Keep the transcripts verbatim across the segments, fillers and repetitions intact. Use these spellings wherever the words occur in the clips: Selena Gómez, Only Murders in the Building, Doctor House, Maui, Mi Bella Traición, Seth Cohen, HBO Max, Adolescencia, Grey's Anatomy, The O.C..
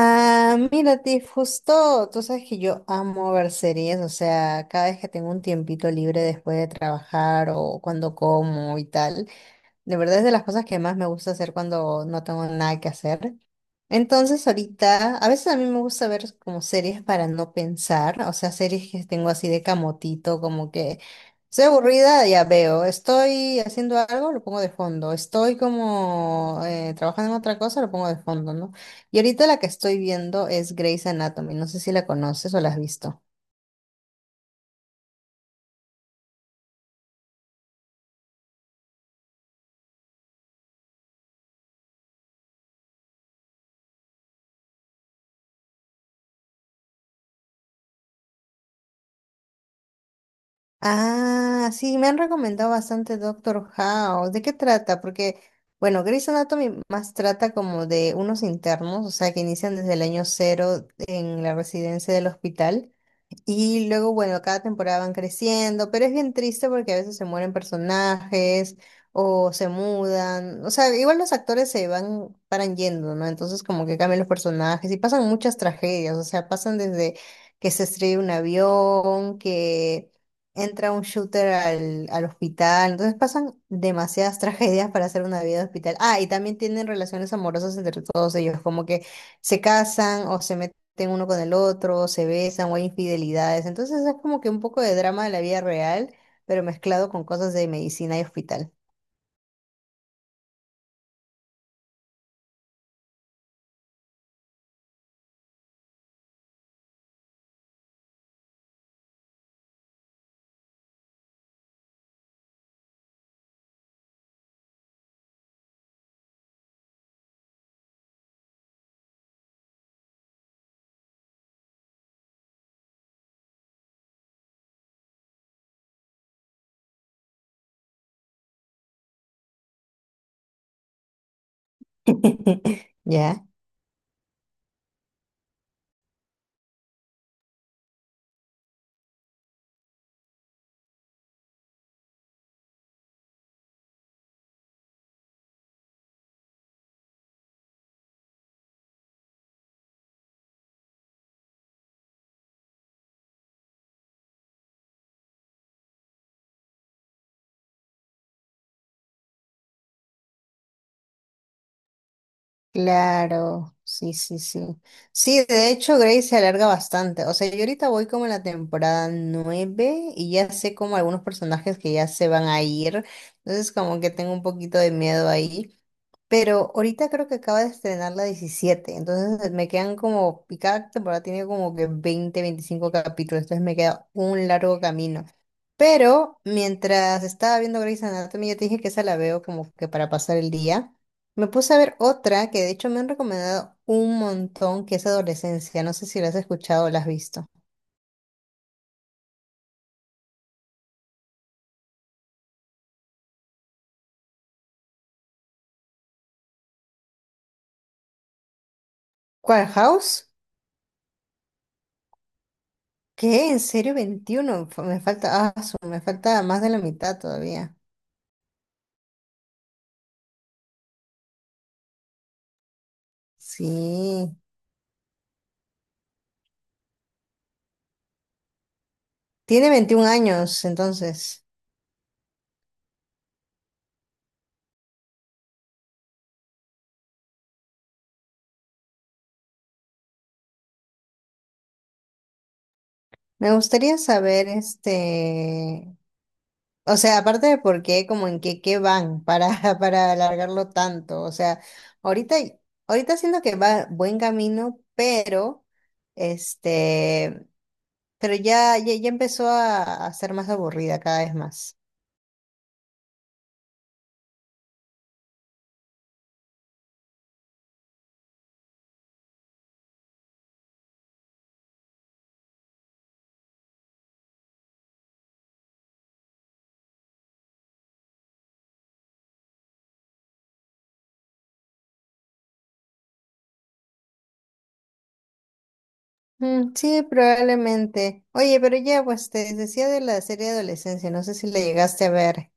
Ah, mira, Tiff, justo, tú sabes que yo amo ver series, o sea, cada vez que tengo un tiempito libre después de trabajar o cuando como y tal, de verdad es de las cosas que más me gusta hacer cuando no tengo nada que hacer. Entonces ahorita, a veces a mí me gusta ver como series para no pensar, o sea, series que tengo así de camotito, como que estoy aburrida, ya veo, estoy haciendo algo, lo pongo de fondo, estoy como eh, trabajando en otra cosa, lo pongo de fondo, ¿no? Y ahorita la que estoy viendo es Grey's Anatomy, no sé si la conoces o la has visto. Ah, sí, me han recomendado bastante Doctor House. ¿De qué trata? Porque, bueno, Grey's Anatomy más trata como de unos internos, o sea, que inician desde el año cero en la residencia del hospital. Y luego, bueno, cada temporada van creciendo, pero es bien triste porque a veces se mueren personajes o se mudan. O sea, igual los actores se van, paran yendo, ¿no? Entonces como que cambian los personajes y pasan muchas tragedias. O sea, pasan desde que se estrella un avión, que entra un shooter al, al hospital. Entonces pasan demasiadas tragedias para hacer una vida de hospital. Ah, y también tienen relaciones amorosas entre todos ellos, como que se casan o se meten uno con el otro, se besan o hay infidelidades. Entonces es como que un poco de drama de la vida real, pero mezclado con cosas de medicina y hospital. ¿Ya? Claro, sí, sí, sí. Sí, de hecho, Grey se alarga bastante. O sea, yo ahorita voy como en la temporada nueve y ya sé como algunos personajes que ya se van a ir. Entonces, como que tengo un poquito de miedo ahí. Pero ahorita creo que acaba de estrenar la diecisiete, entonces me quedan como, y cada temporada tiene como que veinte, veinticinco capítulos, entonces me queda un largo camino. Pero mientras estaba viendo Grey's Anatomy, yo te dije que esa la veo como que para pasar el día. Me puse a ver otra que de hecho me han recomendado un montón, que es Adolescencia. No sé si la has escuchado o la has visto. ¿Cuál House? ¿Qué? ¿En serio veintiuno, Fa- me falta, ah, su- me falta más de la mitad todavía? Sí. Tiene veintiún años, entonces. Me gustaría saber, este, o sea, aparte de por qué, como en qué, qué van para, para alargarlo tanto. O sea, ahorita, ahorita siento que va buen camino, pero, este, pero ya, ya, ya empezó a, a ser más aburrida cada vez más. Mm, sí, probablemente. Oye, pero ya, pues te decía de la serie de adolescencia, no sé si la llegaste a ver.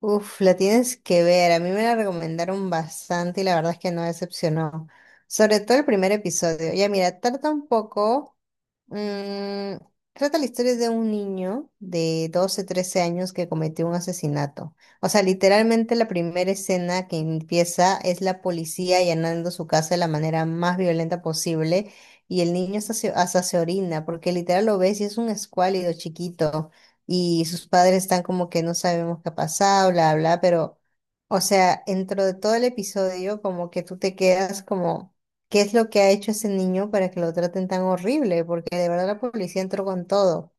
Uf, la tienes que ver. A mí me la recomendaron bastante y la verdad es que no decepcionó. Sobre todo el primer episodio. Ya mira, trata un poco, mm, trata la historia de un niño de doce, trece años que cometió un asesinato. O sea, literalmente la primera escena que empieza es la policía allanando su casa de la manera más violenta posible y el niño hasta se, hasta se orina porque literal lo ves y es un escuálido chiquito, y sus padres están como que no sabemos qué ha pasado, bla, bla, pero, o sea, dentro de todo el episodio, como que tú te quedas como, ¿qué es lo que ha hecho ese niño para que lo traten tan horrible? Porque de verdad la policía entró con todo.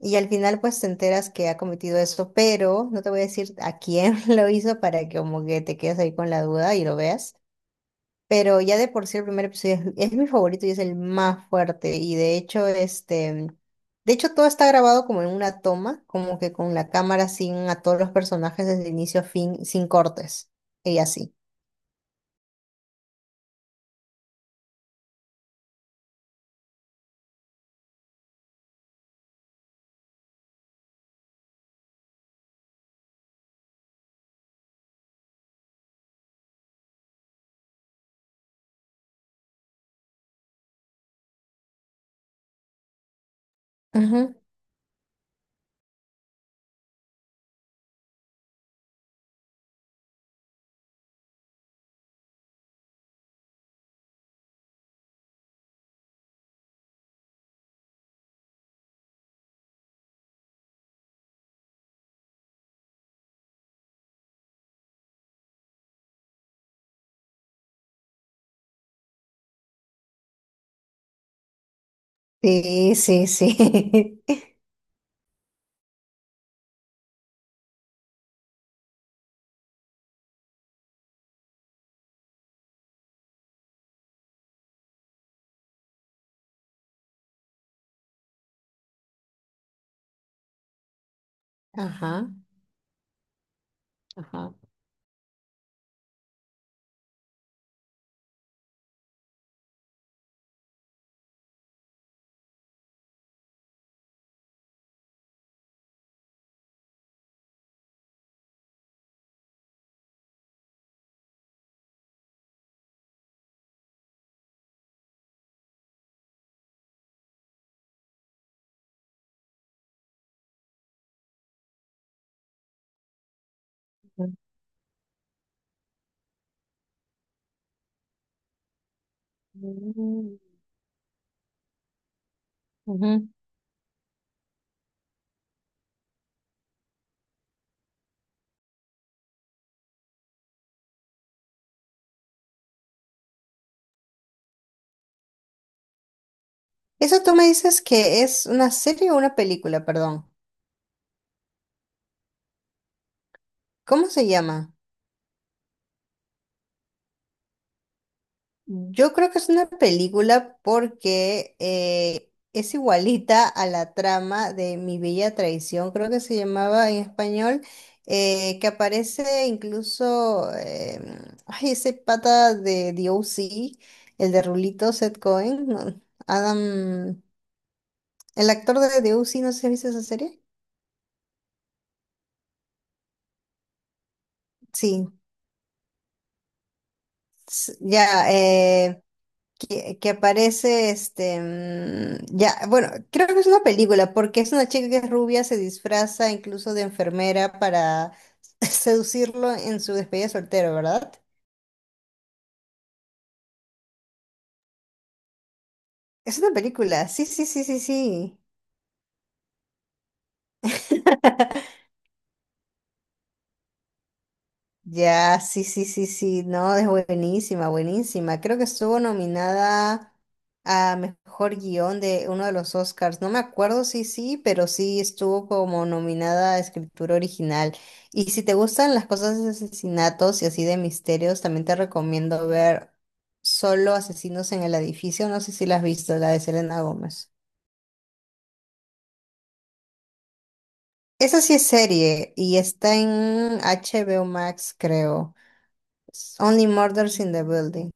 Y al final pues te enteras que ha cometido eso, pero no te voy a decir a quién lo hizo, para que como que te quedes ahí con la duda y lo veas. Pero ya de por sí el primer episodio es, es mi favorito y es el más fuerte. Y de hecho, este, de hecho todo está grabado como en una toma, como que con la cámara sin a todos los personajes desde inicio a fin, sin cortes. Y así. Ujú. Sí, sí, sí. Ajá, ajá. Ujú. Ujú. Eso tú me dices, ¿que es una serie o una película, perdón? ¿Cómo se llama? Yo creo que es una película porque eh, es igualita a la trama de Mi Bella Traición, creo que se llamaba en español, eh, que aparece incluso eh, ay, ese pata de The O C, el de Rulito, Seth Cohen, no, Adam, el actor de The O C, no sé si has visto esa serie. Sí, s- ya, eh, que, que aparece este mm, ya, bueno, creo que es una película, porque es una chica que es rubia, se disfraza incluso de enfermera para seducirlo en su despedida de soltero, ¿verdad? Es una película, sí, sí, sí, sí, sí. Ya, sí, sí, sí, sí, no, es buenísima, buenísima. Creo que estuvo nominada a mejor guión de uno de los Oscars. No me acuerdo si sí, pero sí estuvo como nominada a escritura original. Y si te gustan las cosas de asesinatos y así de misterios, también te recomiendo ver Solo Asesinos en el Edificio. No sé si la has visto, la de Selena Gómez. Esa sí es serie y está en H B O Max, creo. Only Murders in the Building.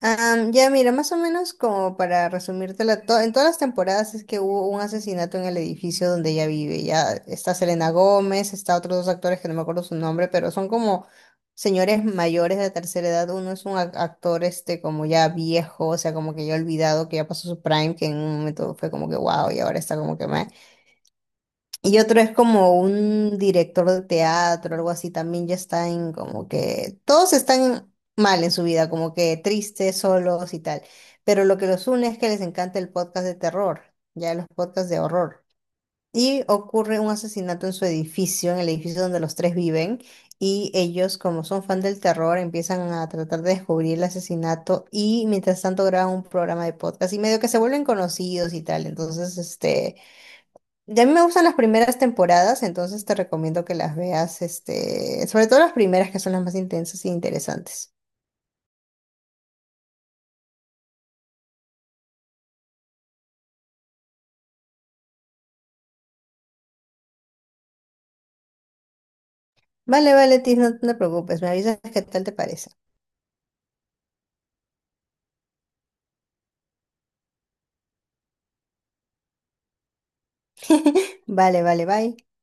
Am, ya mira, más o menos como para resumírtela, to- en todas las temporadas es que hubo un asesinato en el edificio donde ella vive. Ya está Selena Gómez, está otros dos actores que no me acuerdo su nombre, pero son como señores mayores de tercera edad. Uno es un ac- actor este como ya viejo, o sea, como que ya olvidado, que ya pasó su prime, que en un momento fue como que wow, y ahora está como que meh. Y otro es como un director de teatro, algo así, también ya están como que todos están mal en su vida, como que tristes, solos y tal. Pero lo que los une es que les encanta el podcast de terror, ya los podcasts de horror. Y ocurre un asesinato en su edificio, en el edificio donde los tres viven, y ellos, como son fan del terror, empiezan a tratar de descubrir el asesinato y mientras tanto graban un programa de podcast y medio que se vuelven conocidos y tal. Entonces, este... Ya a mí me gustan las primeras temporadas, entonces te recomiendo que las veas, este, sobre todo las primeras que son las más intensas e interesantes. Vale, vale, Tis, no, no te preocupes, me avisas qué tal te parece. Vale, vale, bye.